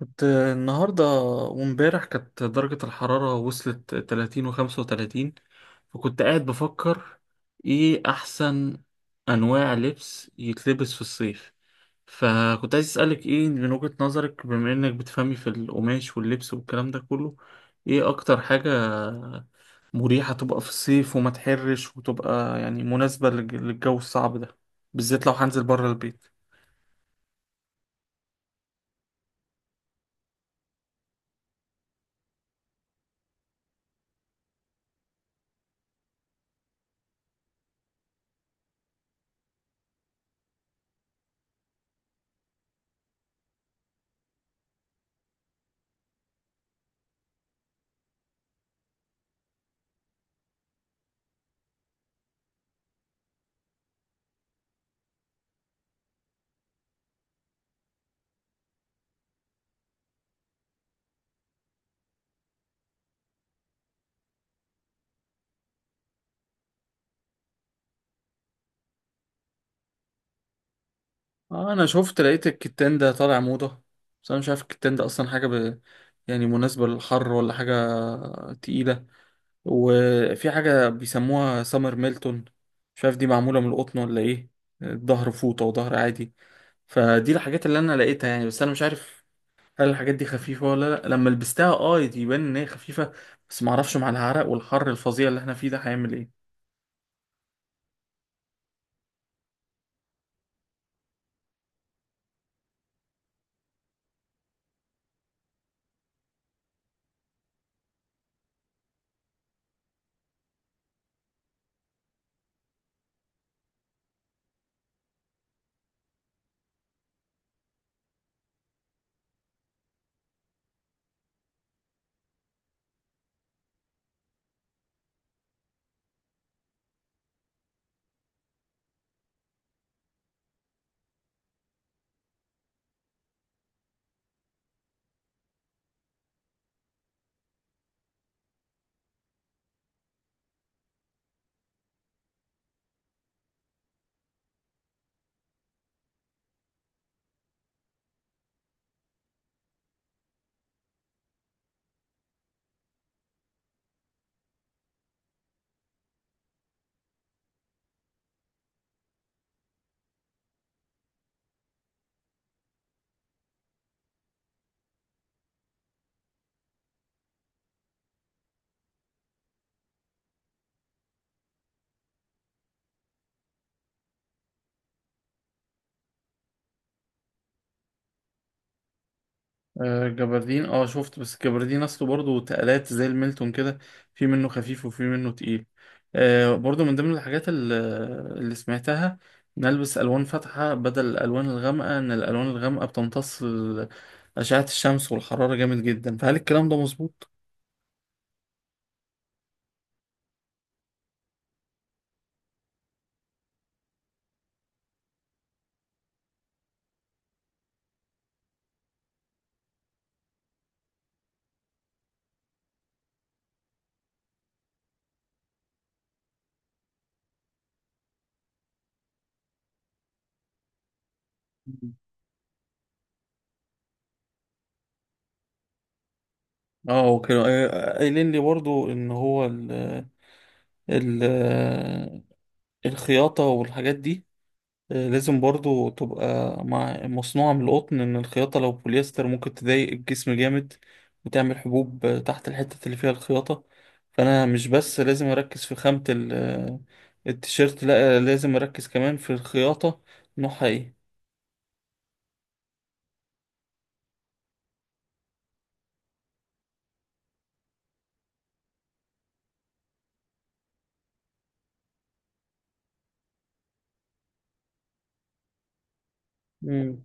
كنت النهاردة وامبارح كانت درجة الحرارة وصلت 30 وخمسة وتلاتين. فكنت قاعد بفكر، ايه أحسن أنواع لبس يتلبس في الصيف؟ فكنت عايز أسألك ايه من وجهة نظرك، بما إنك بتفهمي في القماش واللبس والكلام ده كله، ايه أكتر حاجة مريحة تبقى في الصيف وما تحرش وتبقى يعني مناسبة للجو الصعب ده، بالذات لو هنزل بره البيت؟ آه، انا شفت لقيت الكتان ده طالع موضة، بس انا مش عارف الكتان ده اصلا حاجة يعني مناسبة للحر ولا حاجة تقيلة. وفي حاجة بيسموها سمر ميلتون، مش عارف دي معمولة من القطن ولا ايه. الظهر فوطة وظهر عادي. فدي الحاجات اللي انا لقيتها يعني، بس انا مش عارف هل الحاجات دي خفيفة ولا لا؟ لما لبستها اه يبان ان هي خفيفة، بس معرفش مع العرق والحر الفظيع اللي احنا فيه ده هيعمل ايه. جبردين اه شفت، بس جبردين اصله برضه تقلات زي الميلتون كده. في منه خفيف وفي منه تقيل. برضه من ضمن الحاجات اللي سمعتها. نلبس الوان فاتحه بدل الالوان الغامقه، ان الالوان الغامقه بتمتص اشعه الشمس والحراره جامد جدا، فهل الكلام ده مظبوط؟ مم. اه، وكانوا قايلين لي برضه ان هو ال ال الخياطه والحاجات دي لازم برضو تبقى مع مصنوعة من القطن. إن الخياطة لو بوليستر ممكن تضايق الجسم جامد وتعمل حبوب تحت الحتة اللي فيها الخياطة. فأنا مش بس لازم أركز في خامة التيشيرت، لأ لازم أركز كمان في الخياطة نوعها إيه. مم.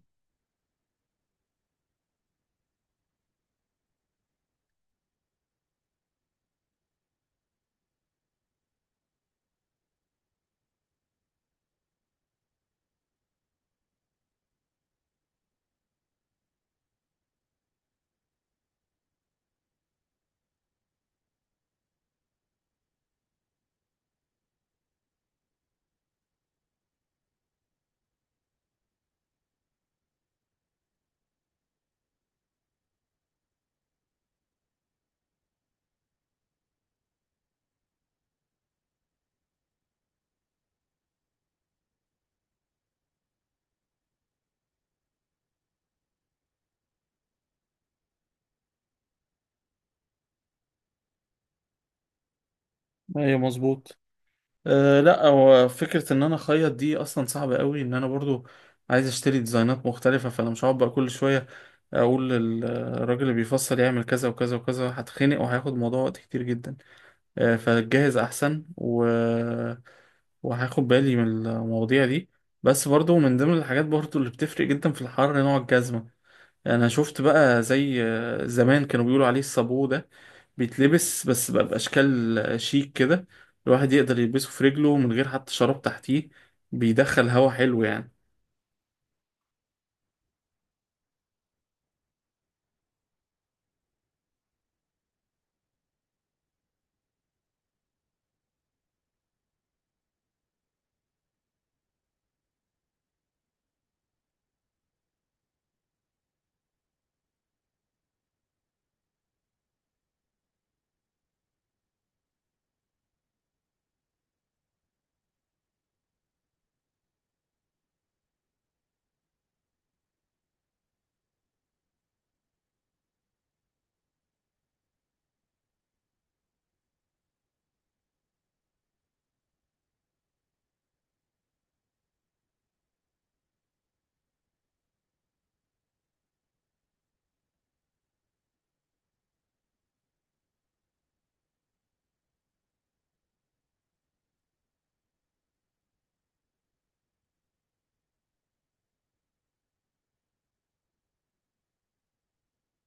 أيوة، مظبوط. أه لأ، هو فكرة إن أنا أخيط دي أصلا صعبة قوي، إن أنا برضو عايز أشتري ديزاينات مختلفة. فأنا مش هقعد بقى كل شوية اقول للراجل اللي بيفصل يعمل كذا وكذا وكذا، هتخنق وهياخد الموضوع وقت كتير جدا. فجهز احسن وهاخد بالي من المواضيع دي. بس برضو من ضمن الحاجات برضو اللي بتفرق جدا في الحر نوع الجزمة. انا شفت بقى زي زمان كانوا بيقولوا عليه الصابو ده، بيتلبس بس بقى باشكال شيك كده. الواحد يقدر يلبسه في رجله من غير حتى شراب تحتيه، بيدخل هوا حلو يعني.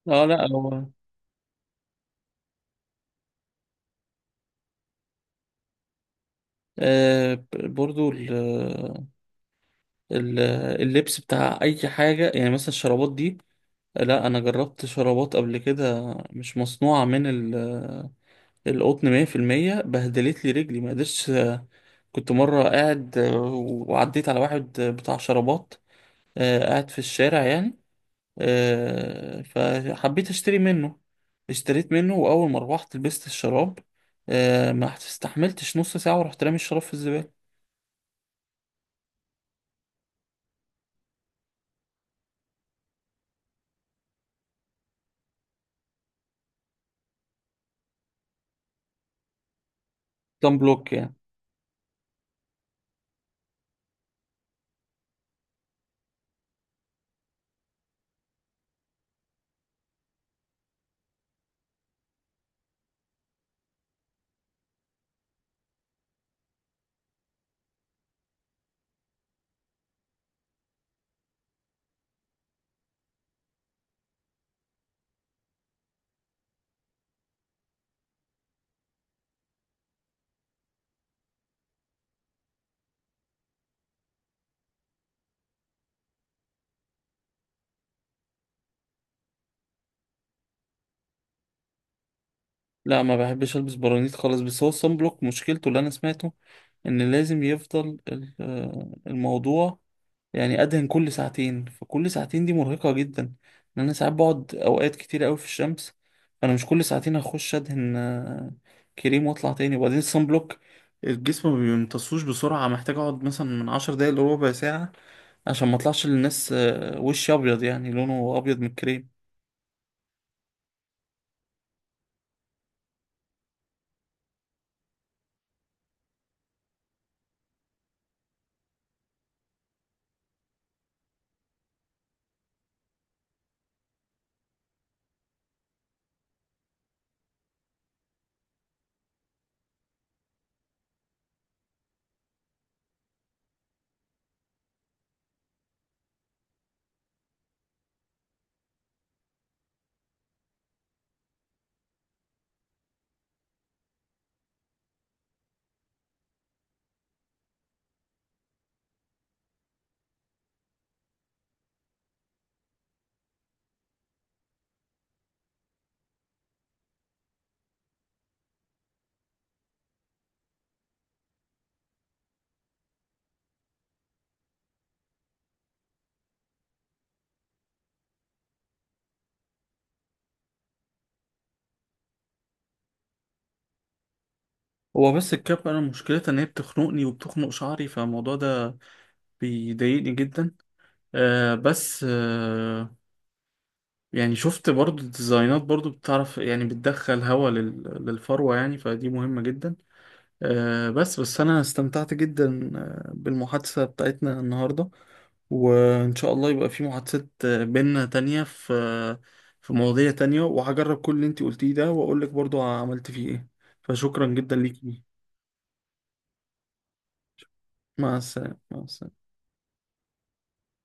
اه لا، هو برضو ال- اللبس بتاع اي حاجه يعني، مثلا الشرابات دي. لا، انا جربت شرابات قبل كده مش مصنوعه من القطن 100%، بهدلت لي رجلي ما قدرتش. كنت مره قاعد وعديت على واحد بتاع شرابات، قاعد في الشارع يعني، فحبيت اشتري منه. اشتريت منه واول ما روحت لبست الشراب، ما استحملتش نص ساعه ورحت رامي الشراب في الزباله. كان بلوك يعني. لا ما بحبش البس برانيت خالص، بس هو الصن بلوك مشكلته اللي انا سمعته ان لازم يفضل الموضوع، يعني ادهن كل ساعتين. فكل ساعتين دي مرهقة جدا، لان انا ساعات بقعد اوقات كتير قوي في الشمس. انا مش كل ساعتين هخش ادهن كريم واطلع تاني. وبعدين الصن بلوك الجسم ما بيمتصوش بسرعة، محتاج اقعد مثلا من 10 دقايق لربع ساعة عشان ما اطلعش للناس وشي ابيض يعني لونه ابيض من الكريم. هو بس الكاب انا مشكلتها ان هي بتخنقني وبتخنق شعري، فالموضوع ده بيضايقني جدا. آه، بس يعني شفت برضو ديزاينات برضو بتعرف يعني بتدخل هوا للفروة يعني، فدي مهمة جدا. آه، بس أنا استمتعت جدا بالمحادثة بتاعتنا النهاردة. وإن شاء الله يبقى في محادثات بينا تانية في مواضيع تانية، وهجرب كل اللي انتي قلتيه ده وأقولك برضو عملت فيه ايه. فشكرا جدا ليكي. مع السلامة، مع السلامة.